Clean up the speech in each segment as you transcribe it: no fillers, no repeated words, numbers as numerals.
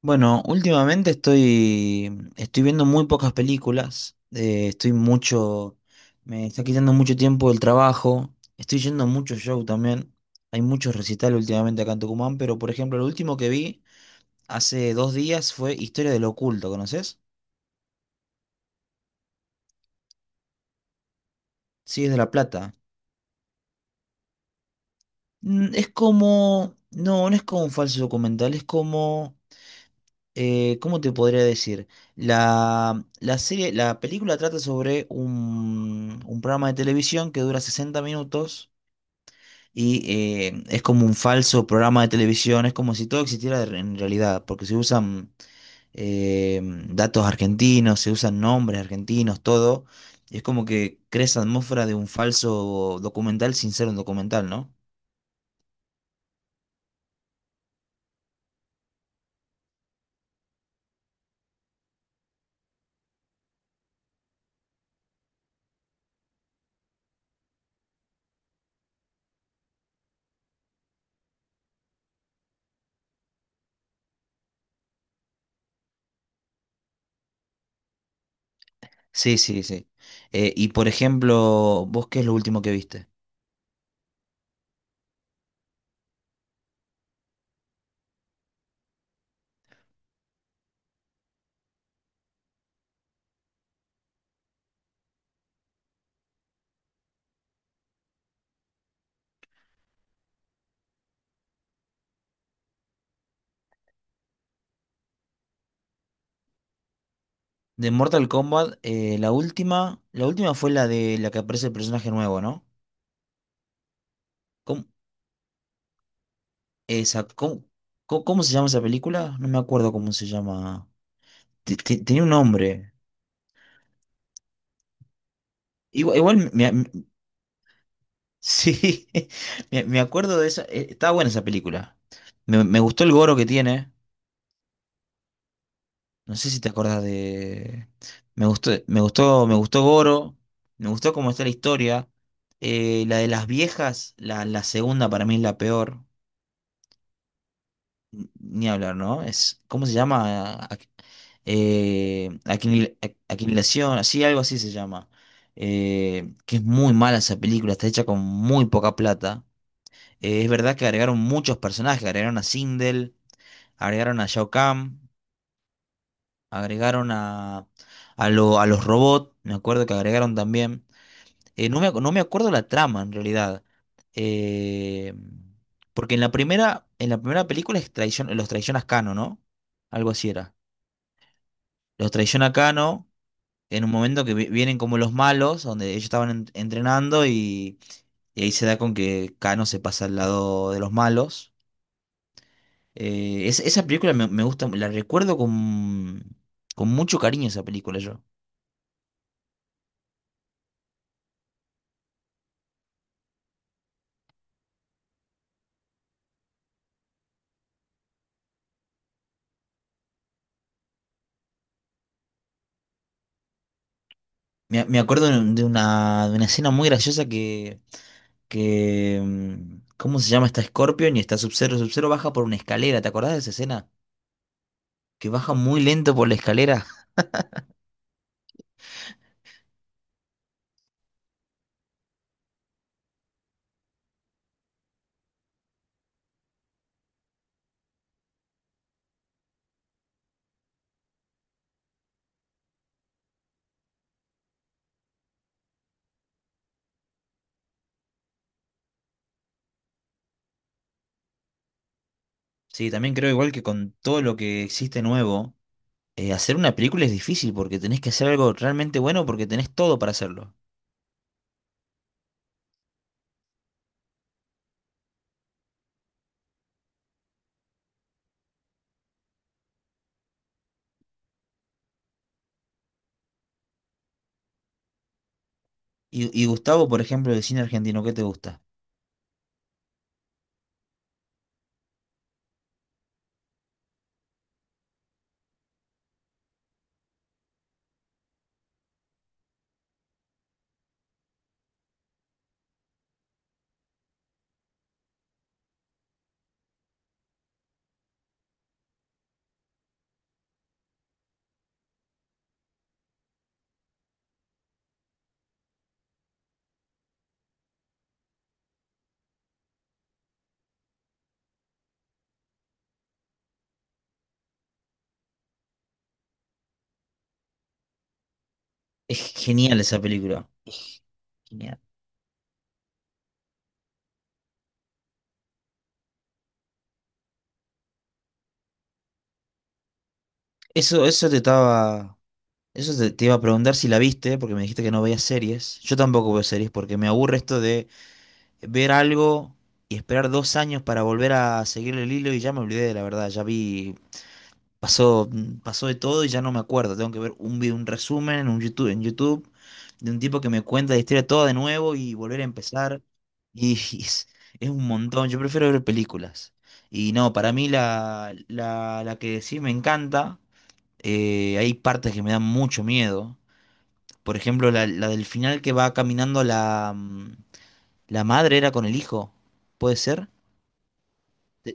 Bueno, últimamente estoy viendo muy pocas películas, estoy mucho, me está quitando mucho tiempo del trabajo, estoy yendo a muchos shows también, hay muchos recitales últimamente acá en Tucumán, pero por ejemplo, el último que vi hace 2 días fue Historia del Oculto, ¿conoces? Sí, es de La Plata. Es como, no es como un falso documental, es como ¿cómo te podría decir? La serie, la película trata sobre un programa de televisión que dura 60 minutos y es como un falso programa de televisión, es como si todo existiera en realidad, porque se usan eh, datos argentinos, se usan nombres argentinos, todo. Y es como que crea esa atmósfera de un falso documental sin ser un documental, ¿no? Sí, sí, sí. Y por ejemplo, ¿vos qué es lo último que viste? De Mortal Kombat, la última fue la de la que aparece el personaje nuevo, ¿no? ¿Cómo, esa, cómo, cómo se llama esa película? No me acuerdo cómo se llama. Tenía un nombre. Igual, igual, sí, me acuerdo de esa. Estaba buena esa película. Me gustó el Goro que tiene. No sé si te acordás de. Me gustó, me gustó, me gustó Goro. Me gustó cómo está la historia. La de las viejas, la segunda para mí es la peor. Ni hablar, ¿no? Es, ¿cómo se llama? Aquinilación, así, algo así se llama. Que es muy mala esa película, está hecha con muy poca plata. Es verdad que agregaron muchos personajes, agregaron a Sindel, agregaron a Shao Kahn, agregaron a, a los robots, me acuerdo que agregaron también. No me acuerdo la trama en realidad. Eh, Porque en la primera película es los traiciona Cano, ¿no? Algo así era. Los traiciona Cano en un momento que vienen como los malos, donde ellos estaban entrenando y ahí se da con que Cano se pasa al lado de los malos. Esa película me gusta, la recuerdo con mucho cariño esa película yo. Me acuerdo de una escena muy graciosa ¿cómo se llama? Está Scorpion y está Sub-Zero. Sub-Zero baja por una escalera, ¿te acordás de esa escena? Que baja muy lento por la escalera. Sí, también creo igual que con todo lo que existe nuevo, hacer una película es difícil porque tenés que hacer algo realmente bueno porque tenés todo para hacerlo. Y Gustavo, por ejemplo, de cine argentino, ¿qué te gusta? Es genial esa película. Es genial. Eso, eso te estaba... Eso te iba a preguntar si la viste, porque me dijiste que no veías series. Yo tampoco veo series porque me aburre esto de ver algo y esperar 2 años para volver a seguirle el hilo y ya me olvidé, la verdad, ya vi, pasó, pasó, de todo y ya no me acuerdo, tengo que ver un video, un resumen en YouTube de un tipo que me cuenta la historia toda de nuevo y volver a empezar y es, es un montón, yo prefiero ver películas. Y no, para mí la que sí me encanta, hay partes que me dan mucho miedo. Por ejemplo, la del final que va caminando la madre era con el hijo, ¿puede ser?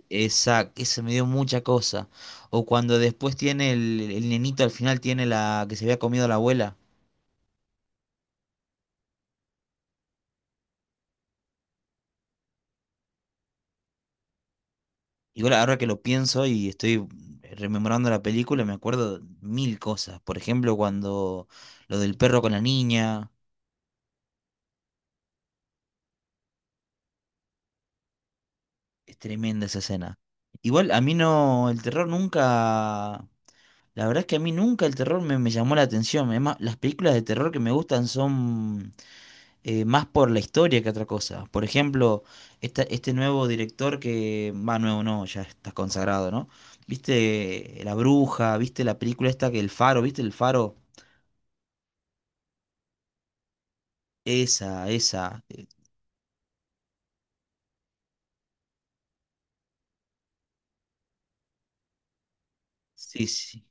Exacto, eso me dio mucha cosa. O cuando después tiene el nenito al final tiene la que se había comido la abuela. Igual ahora que lo pienso y estoy rememorando la película, me acuerdo mil cosas. Por ejemplo, cuando lo del perro con la niña, es tremenda esa escena. Igual a mí no, el terror nunca, la verdad es que a mí nunca el terror me llamó la atención. Es más, las películas de terror que me gustan son más por la historia que otra cosa. Por ejemplo, este nuevo director que, va nuevo no, ya está consagrado, ¿no? ¿Viste La Bruja? ¿Viste la película esta que El Faro? ¿Viste El Faro? Esa, esa. Sí, sí.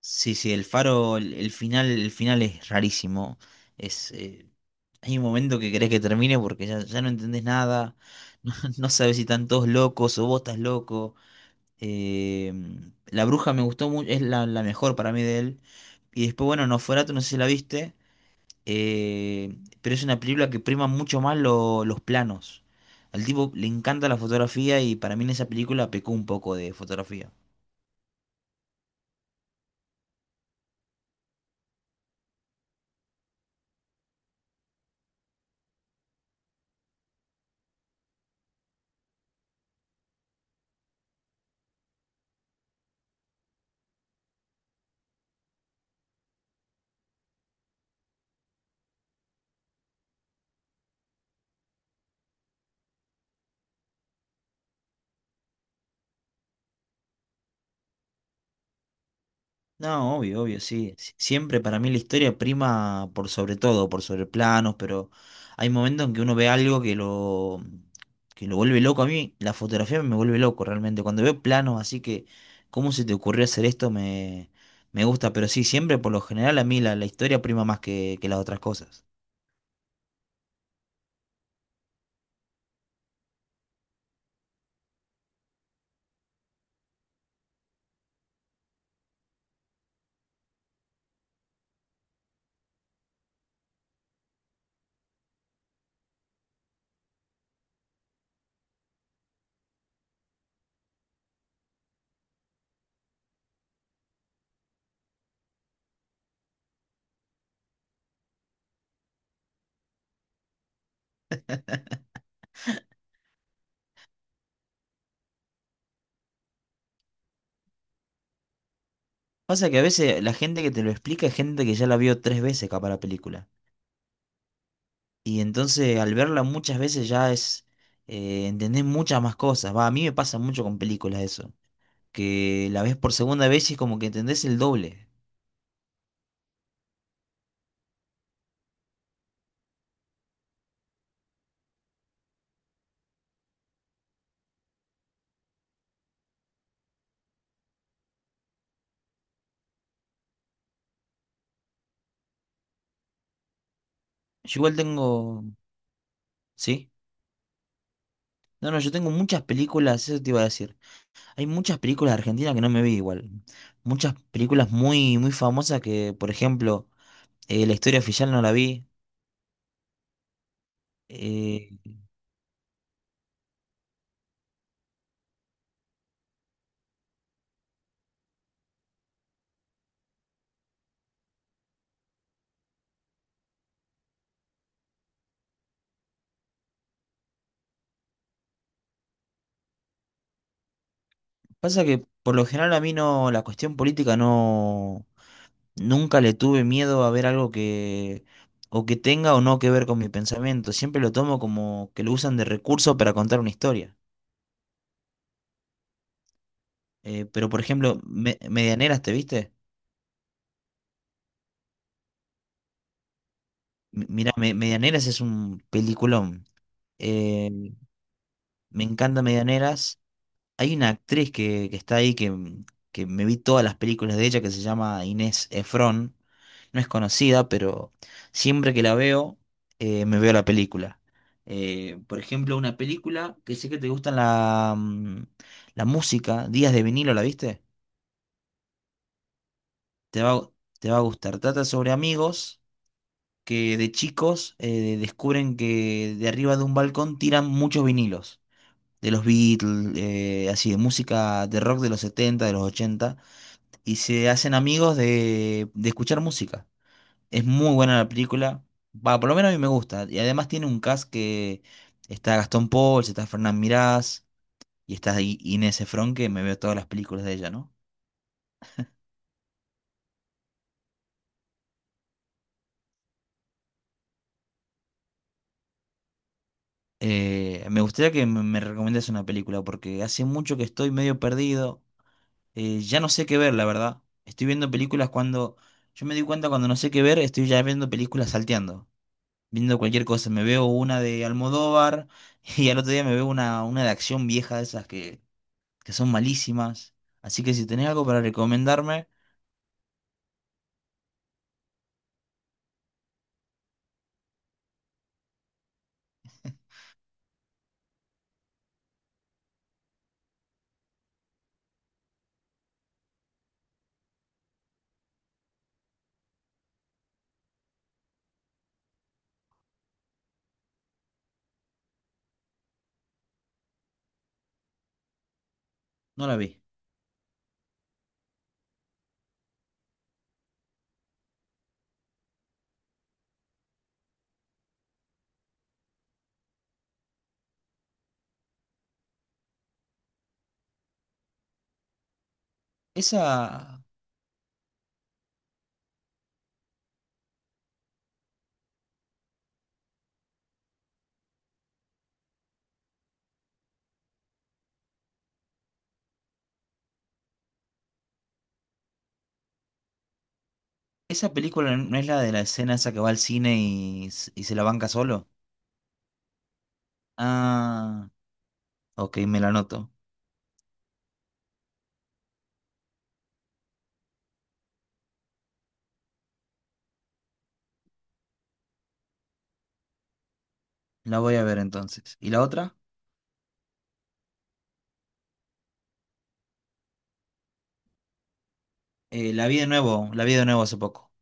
Sí, sí, El Faro, el final, el final es rarísimo. Es, hay un momento que querés que termine porque ya, ya no entendés nada. No, no sabes si están todos locos o vos estás loco. Eh, La Bruja me gustó mucho, es la mejor para mí de él. Y después, bueno, Nosferatu, no sé si la viste, eh, pero es una película que prima mucho más los planos. Al tipo le encanta la fotografía y para mí en esa película pecó un poco de fotografía. No, obvio, obvio, sí. Siempre para mí la historia prima por sobre todo, por sobre planos, pero hay momentos en que uno ve algo que lo, vuelve loco. A mí la fotografía me vuelve loco realmente. Cuando veo planos, así que, ¿cómo se te ocurrió hacer esto? Me gusta, pero sí, siempre por lo general a mí la historia prima más que las otras cosas. Pasa que a veces la gente que te lo explica es gente que ya la vio 3 veces capaz la película. Y entonces al verla muchas veces ya es, entendés muchas más cosas. Va, a mí me pasa mucho con películas eso, que la ves por segunda vez y es como que entendés el doble. Yo igual tengo, ¿sí? No, no, yo tengo muchas películas, eso te iba a decir. Hay muchas películas argentinas que no me vi igual. Muchas películas muy, muy famosas que, por ejemplo, La historia oficial no la vi. Eh, Pasa que por lo general a mí no, la cuestión política no. Nunca le tuve miedo a ver algo que o que tenga o no que ver con mi pensamiento. Siempre lo tomo como que lo usan de recurso para contar una historia. Pero por ejemplo, Medianeras, ¿te viste? Mirá, Medianeras es un peliculón. Eh, Me encanta Medianeras. Hay una actriz que, está ahí que me vi todas las películas de ella que se llama Inés Efron. No es conocida, pero siempre que la veo, me veo la película. Por ejemplo, una película que sé que te gustan la música, Días de vinilo, ¿la viste? Te va, a- te va a gustar. Trata sobre amigos que de chicos descubren que de arriba de un balcón tiran muchos vinilos. De los Beatles, así de música de rock de los 70 de los 80 y se hacen amigos de escuchar música. Es muy buena la película. Va, por lo menos a mí me gusta. Y además tiene un cast que está Gastón Pauls, está Fernán Mirás y está Inés Efron, que me veo todas las películas de ella, ¿no? Me gustaría que me recomiendas una película porque hace mucho que estoy medio perdido. Ya no sé qué ver, la verdad. Estoy viendo películas cuando... Yo me di cuenta cuando no sé qué ver, estoy ya viendo películas salteando, viendo cualquier cosa. Me veo una de Almodóvar y al otro día me veo una de acción vieja de esas que son malísimas. Así que si tenés algo para recomendarme, no la vi. Esa, esa película no es la de la escena esa que va al cine y se la banca solo. Ah, ok, me la anoto. La voy a ver entonces. ¿Y la otra? La vi de nuevo, la vi de nuevo hace poco.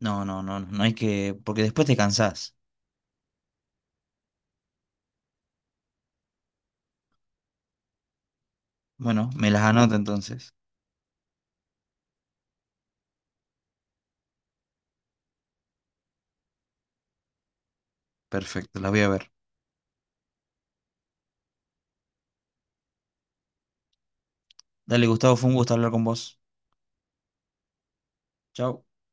No, no, no, no hay que, porque después te cansás. Bueno, me las anoto entonces. Perfecto, las voy a ver. Dale, Gustavo, fue un gusto hablar con vos. Chao.